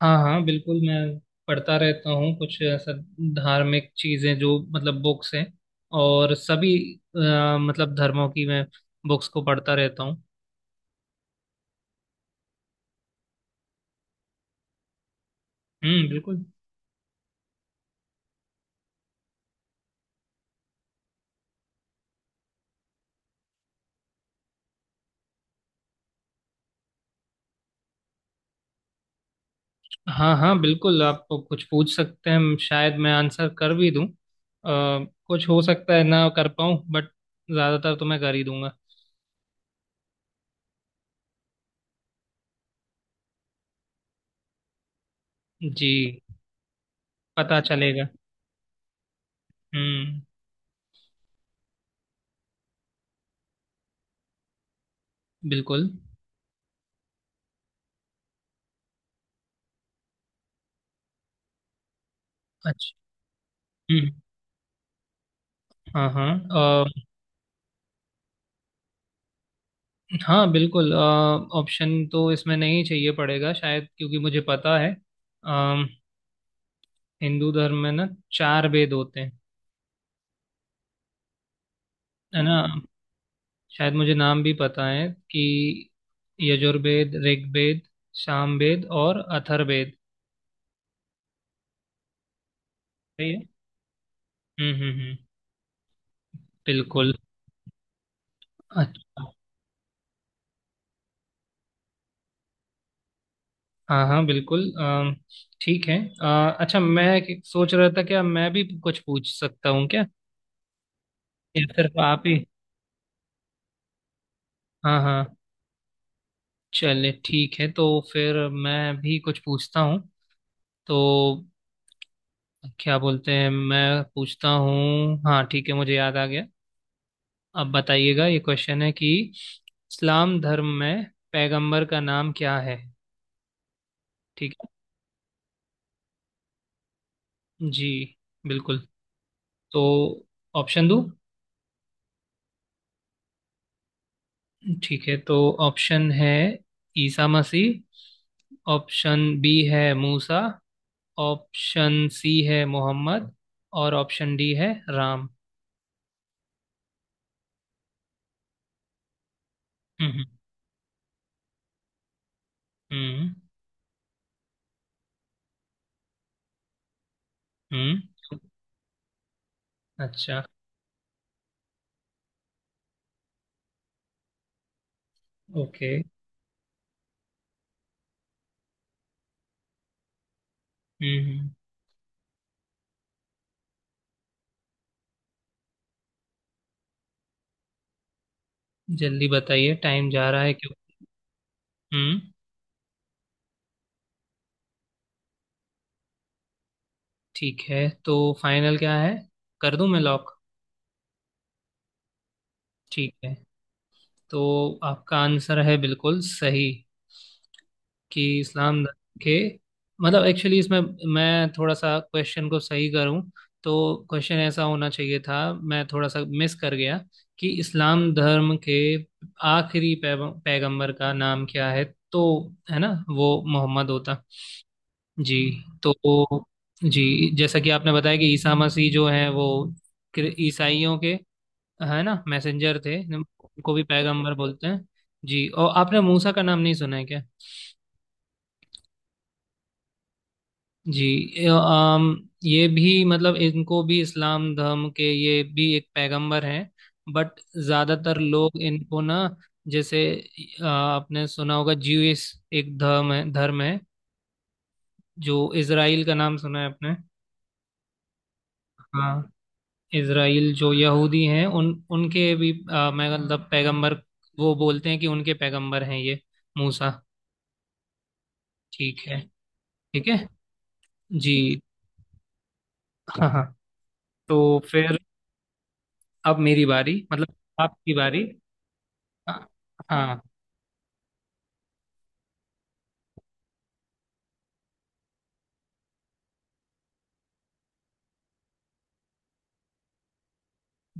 हाँ हाँ बिल्कुल, मैं पढ़ता रहता हूँ। कुछ ऐसा धार्मिक चीजें जो मतलब बुक्स हैं, और सभी अ, मतलब धर्मों की मैं बुक्स को पढ़ता रहता हूँ। हम्म, बिल्कुल। हाँ हाँ बिल्कुल, आप कुछ पूछ सकते हैं। शायद मैं आंसर कर भी दूँ, कुछ हो सकता है ना कर पाऊँ, बट ज्यादातर तो मैं कर ही दूंगा। जी। पता चलेगा। हम्म। बिल्कुल। अच्छा। हम्म। हाँ हाँ हाँ बिल्कुल, ऑप्शन तो इसमें नहीं चाहिए पड़ेगा शायद, क्योंकि मुझे पता है। अम, हिंदू धर्म में ना चार वेद होते हैं। है ना? शायद मुझे नाम भी पता है कि यजुर्वेद, ऋग्वेद, सामवेद और अथर्ववेद। सही है। हम्म। बिल्कुल। अच्छा। हाँ हाँ बिल्कुल, ठीक है। अच्छा, मैं सोच रहा था क्या मैं भी कुछ पूछ सकता हूँ क्या, या सिर्फ आप ही? हाँ हाँ। चले ठीक है तो फिर मैं भी कुछ पूछता हूँ। तो क्या बोलते हैं, मैं पूछता हूँ। हाँ ठीक है, मुझे याद आ गया। अब बताइएगा, ये क्वेश्चन है कि इस्लाम धर्म में पैगंबर का नाम क्या है? ठीक है जी। बिल्कुल। तो ऑप्शन दो। ठीक है तो ऑप्शन है ईसा मसीह, ऑप्शन बी है मूसा, ऑप्शन सी है मोहम्मद, और ऑप्शन डी है राम। हम्म हम्म हम्म। अच्छा। ओके। हम्म। जल्दी बताइए, टाइम जा रहा है क्यों। हम्म। ठीक है तो फाइनल क्या है? कर दूं मैं लॉक? ठीक है तो आपका आंसर है बिल्कुल सही। कि इस्लाम धर्म के, मतलब एक्चुअली इसमें मैं थोड़ा सा क्वेश्चन को सही करूं तो क्वेश्चन ऐसा होना चाहिए था। मैं थोड़ा सा मिस कर गया। कि इस्लाम धर्म के आखिरी पैगंबर का नाम क्या है? तो है ना, वो मोहम्मद होता जी। तो जी, जैसा कि आपने बताया कि ईसा मसीह जो हैं वो ईसाइयों के, है ना, मैसेंजर थे। उनको भी पैगंबर बोलते हैं। जी, और आपने मूसा का नाम नहीं सुना है क्या? जी, ये भी मतलब, इनको भी इस्लाम धर्म के ये भी एक पैगंबर हैं। बट ज़्यादातर लोग इनको ना, जैसे आपने सुना होगा ज्यूइश एक धर्म है, धर्म है जो इजराइल का, नाम सुना है आपने? हाँ, इसराइल जो यहूदी हैं उन उनके भी, मैं मतलब पैगंबर, वो बोलते हैं कि उनके पैगंबर हैं ये मूसा। ठीक है। ठीक है जी। हाँ हाँ, तो फिर अब मेरी बारी, मतलब आपकी बारी। हाँ हाँ।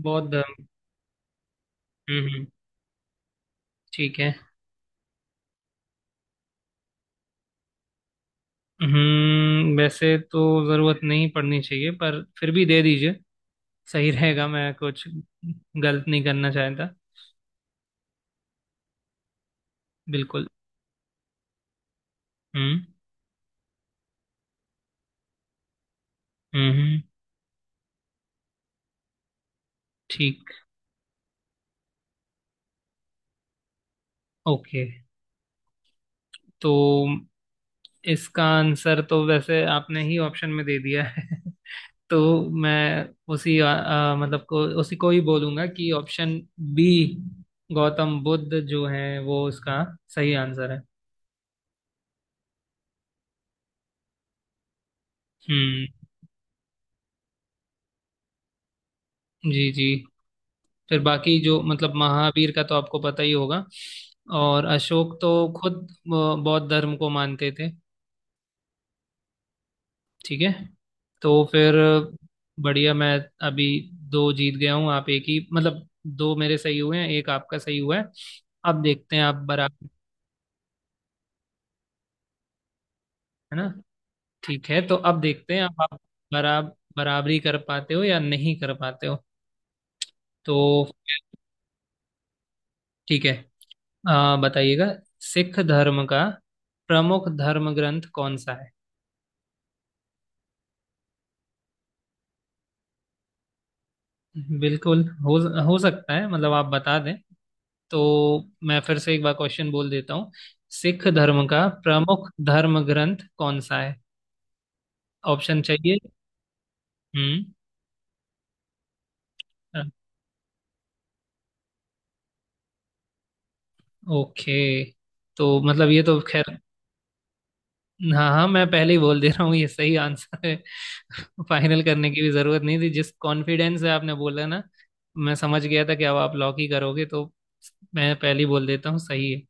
बौद्ध धर्म। हम्म हम्म, ठीक है। हम्म, वैसे तो जरूरत नहीं पड़नी चाहिए, पर फिर भी दे दीजिए। सही रहेगा, मैं कुछ गलत नहीं करना चाहता। बिल्कुल। हम्म हम्म हम्म, ठीक। ओके। तो इसका आंसर तो वैसे आपने ही ऑप्शन में दे दिया है तो मैं उसी मतलब को उसी को ही बोलूंगा कि ऑप्शन बी गौतम बुद्ध जो है वो इसका सही आंसर है। हम्म। जी जी, फिर बाकी जो मतलब महावीर का तो आपको पता ही होगा। और अशोक तो खुद बौद्ध धर्म को मानते थे। ठीक है। तो फिर बढ़िया, मैं अभी दो जीत गया हूँ, आप एक ही, मतलब दो मेरे सही हुए हैं, एक आपका सही हुआ है। अब देखते हैं आप बराबर, है ना? ठीक है तो अब देखते हैं आप बराबर बराबरी कर पाते हो या नहीं कर पाते हो। तो ठीक है। बताइएगा, सिख धर्म का प्रमुख धर्म ग्रंथ कौन सा है? बिल्कुल हो सकता है मतलब आप बता दें। तो मैं फिर से एक बार क्वेश्चन बोल देता हूँ। सिख धर्म का प्रमुख धर्म ग्रंथ कौन सा है? ऑप्शन चाहिए? हम्म। ओके। तो मतलब ये तो खैर, हाँ हाँ, मैं पहले ही बोल दे रहा हूँ, ये सही आंसर है। फाइनल करने की भी जरूरत नहीं थी, जिस कॉन्फिडेंस से आपने बोला ना मैं समझ गया था कि अब आप लॉक ही करोगे। तो मैं पहले ही बोल देता हूँ, सही है।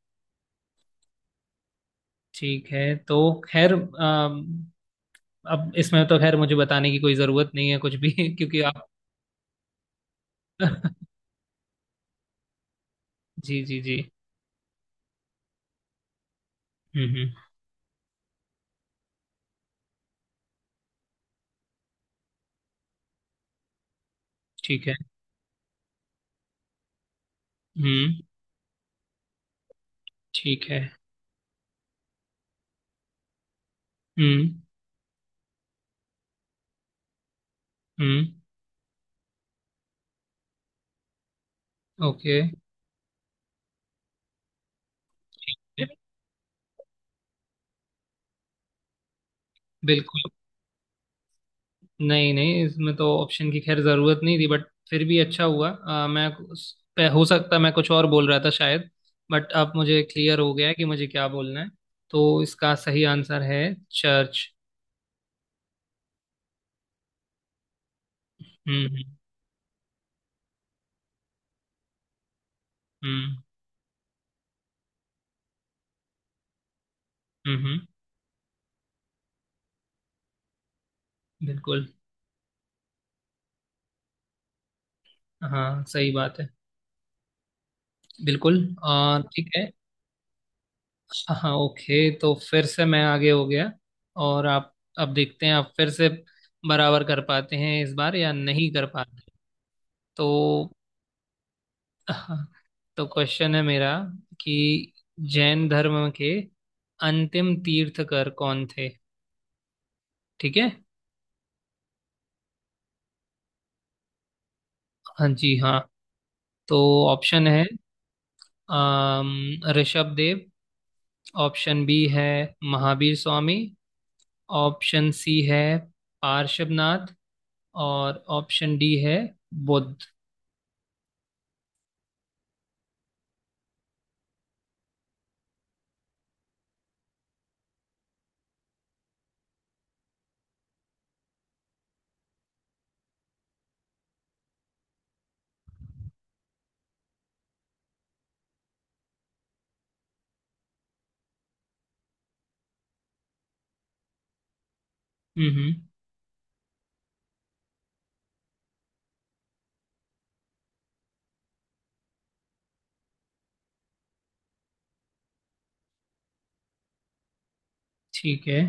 ठीक है तो खैर, अब इसमें तो खैर मुझे बताने की कोई ज़रूरत नहीं है कुछ भी, क्योंकि आप जी जी जी। हम्म। ठीक है। हम्म। ठीक है। हम्म हम्म। ओके। बिल्कुल। नहीं नहीं, इसमें तो ऑप्शन की खैर ज़रूरत नहीं थी, बट फिर भी अच्छा हुआ। मैं हो सकता मैं कुछ और बोल रहा था शायद, बट अब मुझे क्लियर हो गया है कि मुझे क्या बोलना है। तो इसका सही आंसर है चर्च। हम्म हम्म हम्म हम्म, बिल्कुल। हाँ, सही बात है। बिल्कुल। ठीक है। हाँ ओके, तो फिर से मैं आगे हो गया और आप, अब देखते हैं आप फिर से बराबर कर पाते हैं इस बार या नहीं कर पाते। तो हाँ, तो क्वेश्चन है मेरा कि जैन धर्म के अंतिम तीर्थकर कौन थे? ठीक है। हाँ जी हाँ। तो ऑप्शन है ऋषभ देव, ऑप्शन बी है महावीर स्वामी, ऑप्शन सी है पार्श्वनाथ, और ऑप्शन डी है बुद्ध। हम्म। ठीक है।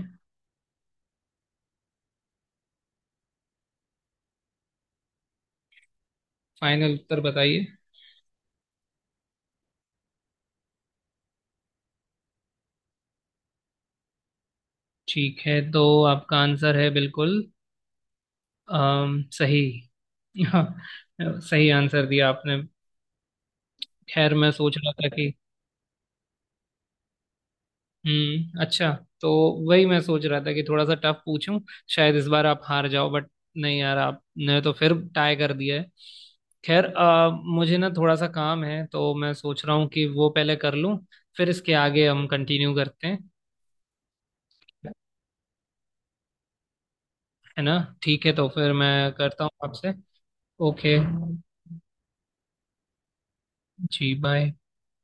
फाइनल उत्तर बताइए। ठीक है तो आपका आंसर है बिल्कुल सही। हाँ, सही आंसर दिया आपने। खैर, मैं सोच रहा था कि, अच्छा। तो वही मैं सोच रहा था कि थोड़ा सा टफ पूछूं, शायद इस बार आप हार जाओ, बट नहीं यार, आपने तो फिर टाई कर दिया है। खैर मुझे ना थोड़ा सा काम है, तो मैं सोच रहा हूँ कि वो पहले कर लूं, फिर इसके आगे हम कंटिन्यू करते हैं। है ना? ठीक है तो फिर मैं करता हूँ आपसे। ओके। जी बाय।